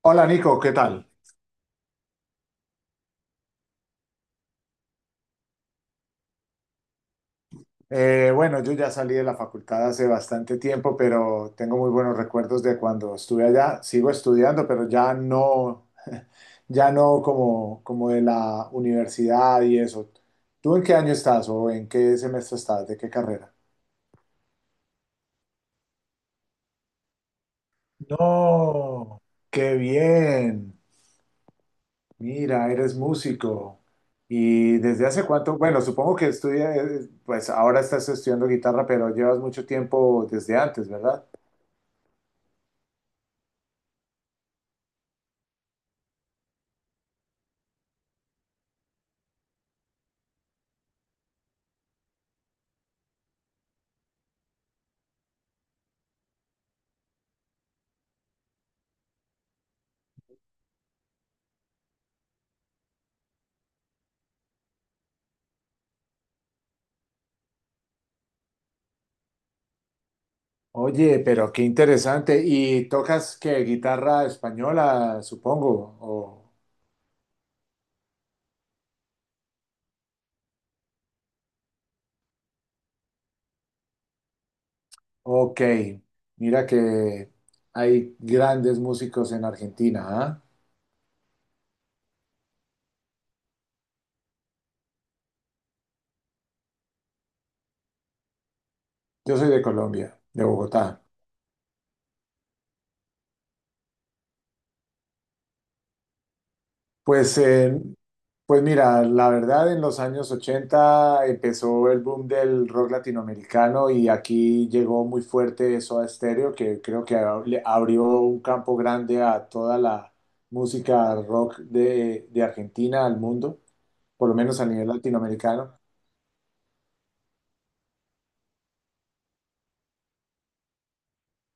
Hola Nico, ¿qué tal? Bueno, yo ya salí de la facultad hace bastante tiempo, pero tengo muy buenos recuerdos de cuando estuve allá. Sigo estudiando, pero ya no, ya no como de la universidad y eso. ¿Tú en qué año estás o en qué semestre estás? ¿De qué carrera? No, qué bien. Mira, eres músico. ¿Y desde hace cuánto? Bueno, supongo que estudias, pues ahora estás estudiando guitarra, pero llevas mucho tiempo desde antes, ¿verdad? Oye, pero qué interesante. ¿Y tocas qué guitarra española, supongo? Ok, mira que hay grandes músicos en Argentina, ¿ah? Yo soy de Colombia, de Bogotá. Pues, eh, pues mira, la verdad en los años 80 empezó el boom del rock latinoamericano y aquí llegó muy fuerte eso a estéreo, que creo que le abrió un campo grande a toda la música rock de Argentina al mundo. Por lo menos a nivel latinoamericano.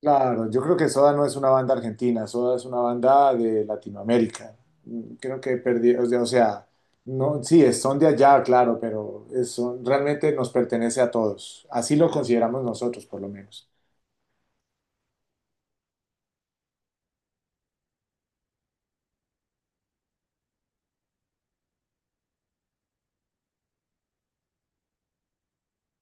Claro, yo creo que Soda no es una banda argentina, Soda es una banda de Latinoamérica. Creo que perdí, o sea, no, sí, son de allá, claro, pero realmente nos pertenece a todos. Así lo consideramos nosotros, por lo menos.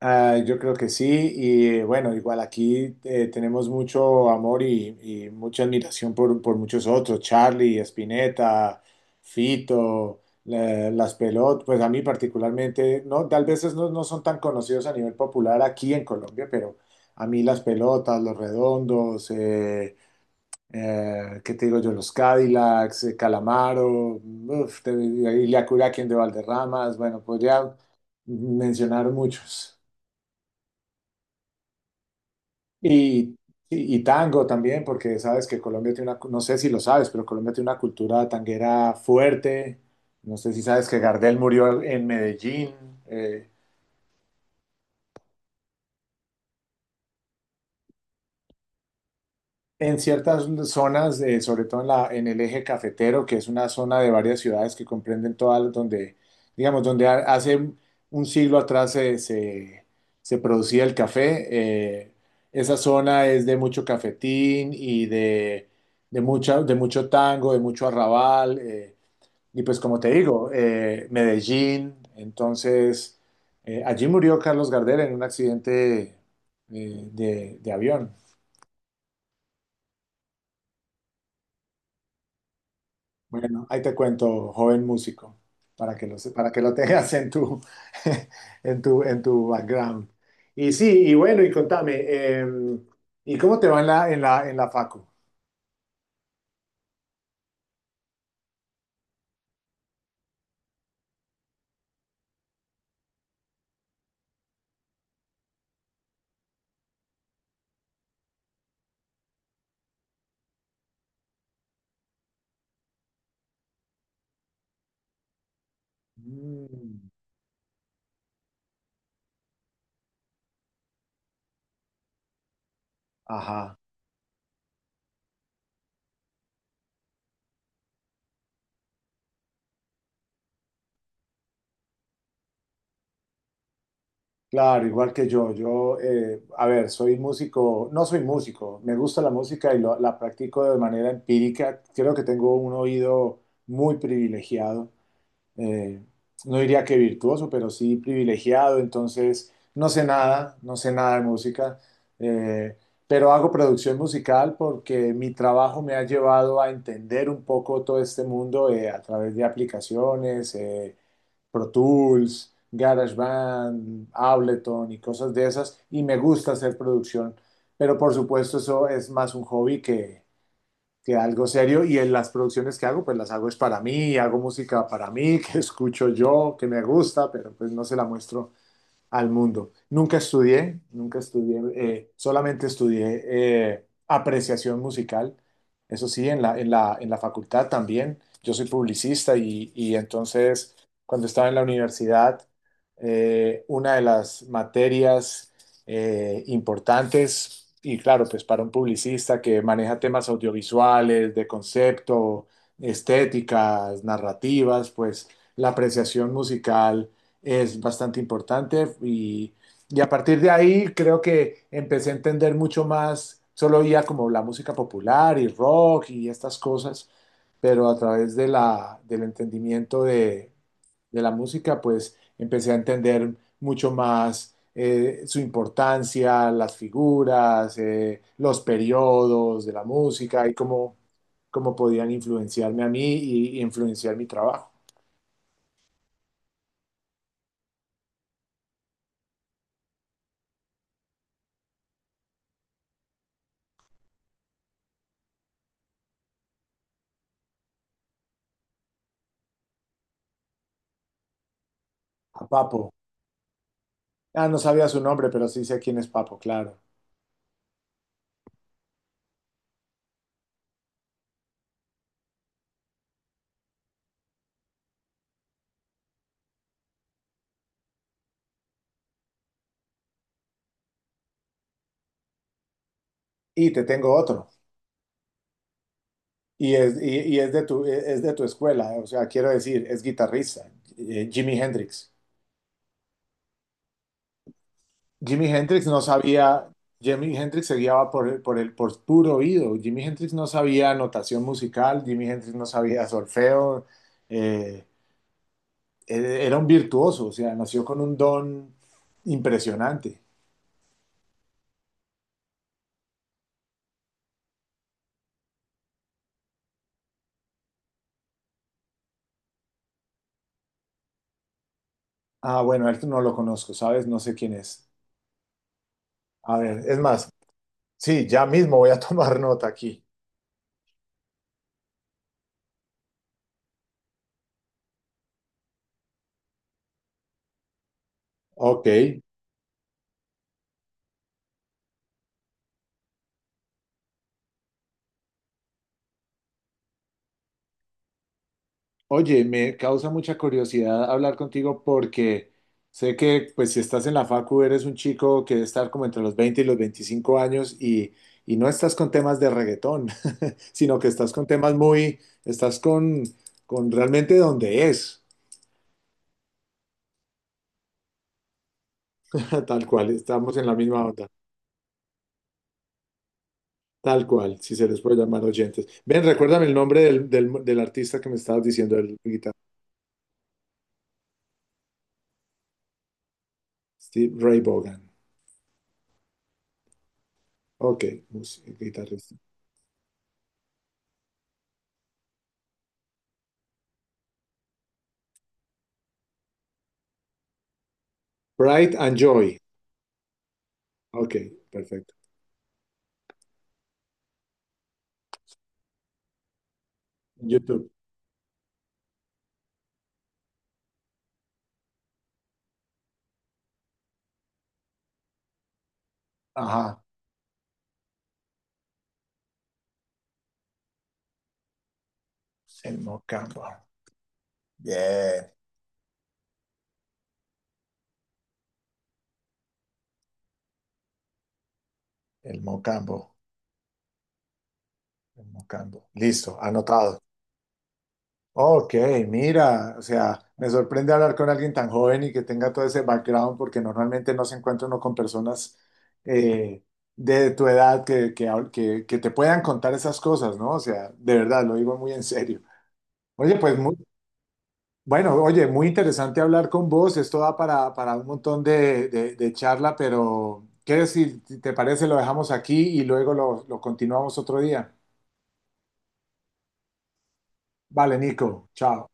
Ah, yo creo que sí, y bueno, igual aquí tenemos mucho amor y mucha admiración por muchos otros, Charlie, Spinetta, Fito, Las pelotas pues a mí particularmente, no, tal vez no, no son tan conocidos a nivel popular aquí en Colombia, pero a mí Las Pelotas, Los Redondos, ¿qué te digo yo? Los Cadillacs, Calamaro, uf, y Ilia Curaquien de Valderramas, bueno, podría mencionar muchos. Y, y tango también, porque sabes que Colombia tiene no sé si lo sabes, pero Colombia tiene una cultura tanguera fuerte. No sé si sabes que Gardel murió en Medellín. eh, En ciertas zonas, sobre todo en el eje cafetero, que es una zona de varias ciudades que comprenden todas, donde, digamos, donde hace un siglo atrás se producía el café, esa zona es de mucho cafetín y de mucho tango, de mucho arrabal, y pues como te digo, Medellín, entonces, allí murió Carlos Gardel en un accidente de avión. Bueno, ahí te cuento, joven músico, para que lo tengas en tu, en tu background. Y sí, y bueno, y contame, ¿y cómo te va en la facu? Mm, ajá, claro, igual que yo. Yo, a ver, soy músico, no soy músico, me gusta la música y la practico de manera empírica. Creo que tengo un oído muy privilegiado. eh, no diría que virtuoso, pero sí privilegiado, entonces no sé nada, no sé nada de música, eh, pero hago producción musical porque mi trabajo me ha llevado a entender un poco todo este mundo a través de aplicaciones, Pro Tools, GarageBand, Ableton y cosas de esas, y me gusta hacer producción, pero por supuesto eso es más un hobby que algo serio y en las producciones que hago, pues las hago es para mí, hago música para mí, que escucho yo, que me gusta, pero pues no se la muestro al mundo. Nunca estudié, nunca estudié, solamente estudié apreciación musical. Eso sí, en la facultad también. Yo soy publicista y entonces cuando estaba en la universidad, una de las materias importantes, y claro, pues para un publicista que maneja temas audiovisuales, de concepto, estéticas, narrativas, pues la apreciación musical es bastante importante y a partir de ahí creo que empecé a entender mucho más, solo oía como la música popular y rock y estas cosas, pero a través del entendimiento de la música, pues empecé a entender mucho más su importancia, las figuras, los periodos de la música y cómo podían influenciarme a mí y influenciar mi trabajo. A Papo. Ah, no sabía su nombre, pero sí sé quién es Papo, claro. Y te tengo otro. Y es, y Es de tu escuela, o sea, quiero decir, es guitarrista, Jimi Hendrix. Jimi Hendrix no sabía, Jimi Hendrix se guiaba por puro oído. Jimi Hendrix no sabía notación musical, Jimi Hendrix no sabía solfeo. eh, Era un virtuoso, o sea, nació con un don impresionante. Ah, bueno, a él no lo conozco, ¿sabes? No sé quién es. A ver, es más, sí, ya mismo voy a tomar nota aquí. Ok. Oye, me causa mucha curiosidad hablar contigo porque sé que, pues, si estás en la facu, eres un chico que debe estar como entre los 20 y los 25 años y no estás con temas de reggaetón, sino que estás con temas muy, estás con realmente donde es, tal cual, estamos en la misma onda. Tal cual, si se les puede llamar oyentes. Ven, recuérdame el nombre del artista que me estabas diciendo, el guitarrista. Steve Ray Vaughan. Ok, guitarrista. Bright and Joy. Ok, perfecto. YouTube. Ajá, el Mocambo. Bien, el Mocambo. El Mocambo. Listo, anotado. Ok, mira, o sea, me sorprende hablar con alguien tan joven y que tenga todo ese background, porque normalmente no se encuentra uno con personas eh, de tu edad que te puedan contar esas cosas, ¿no? O sea, de verdad, lo digo muy en serio. Oye, bueno, oye, muy interesante hablar con vos, esto da para un montón de charla, pero ¿qué decir? Si te parece, lo dejamos aquí y luego lo continuamos otro día. Vale, Nico, chao.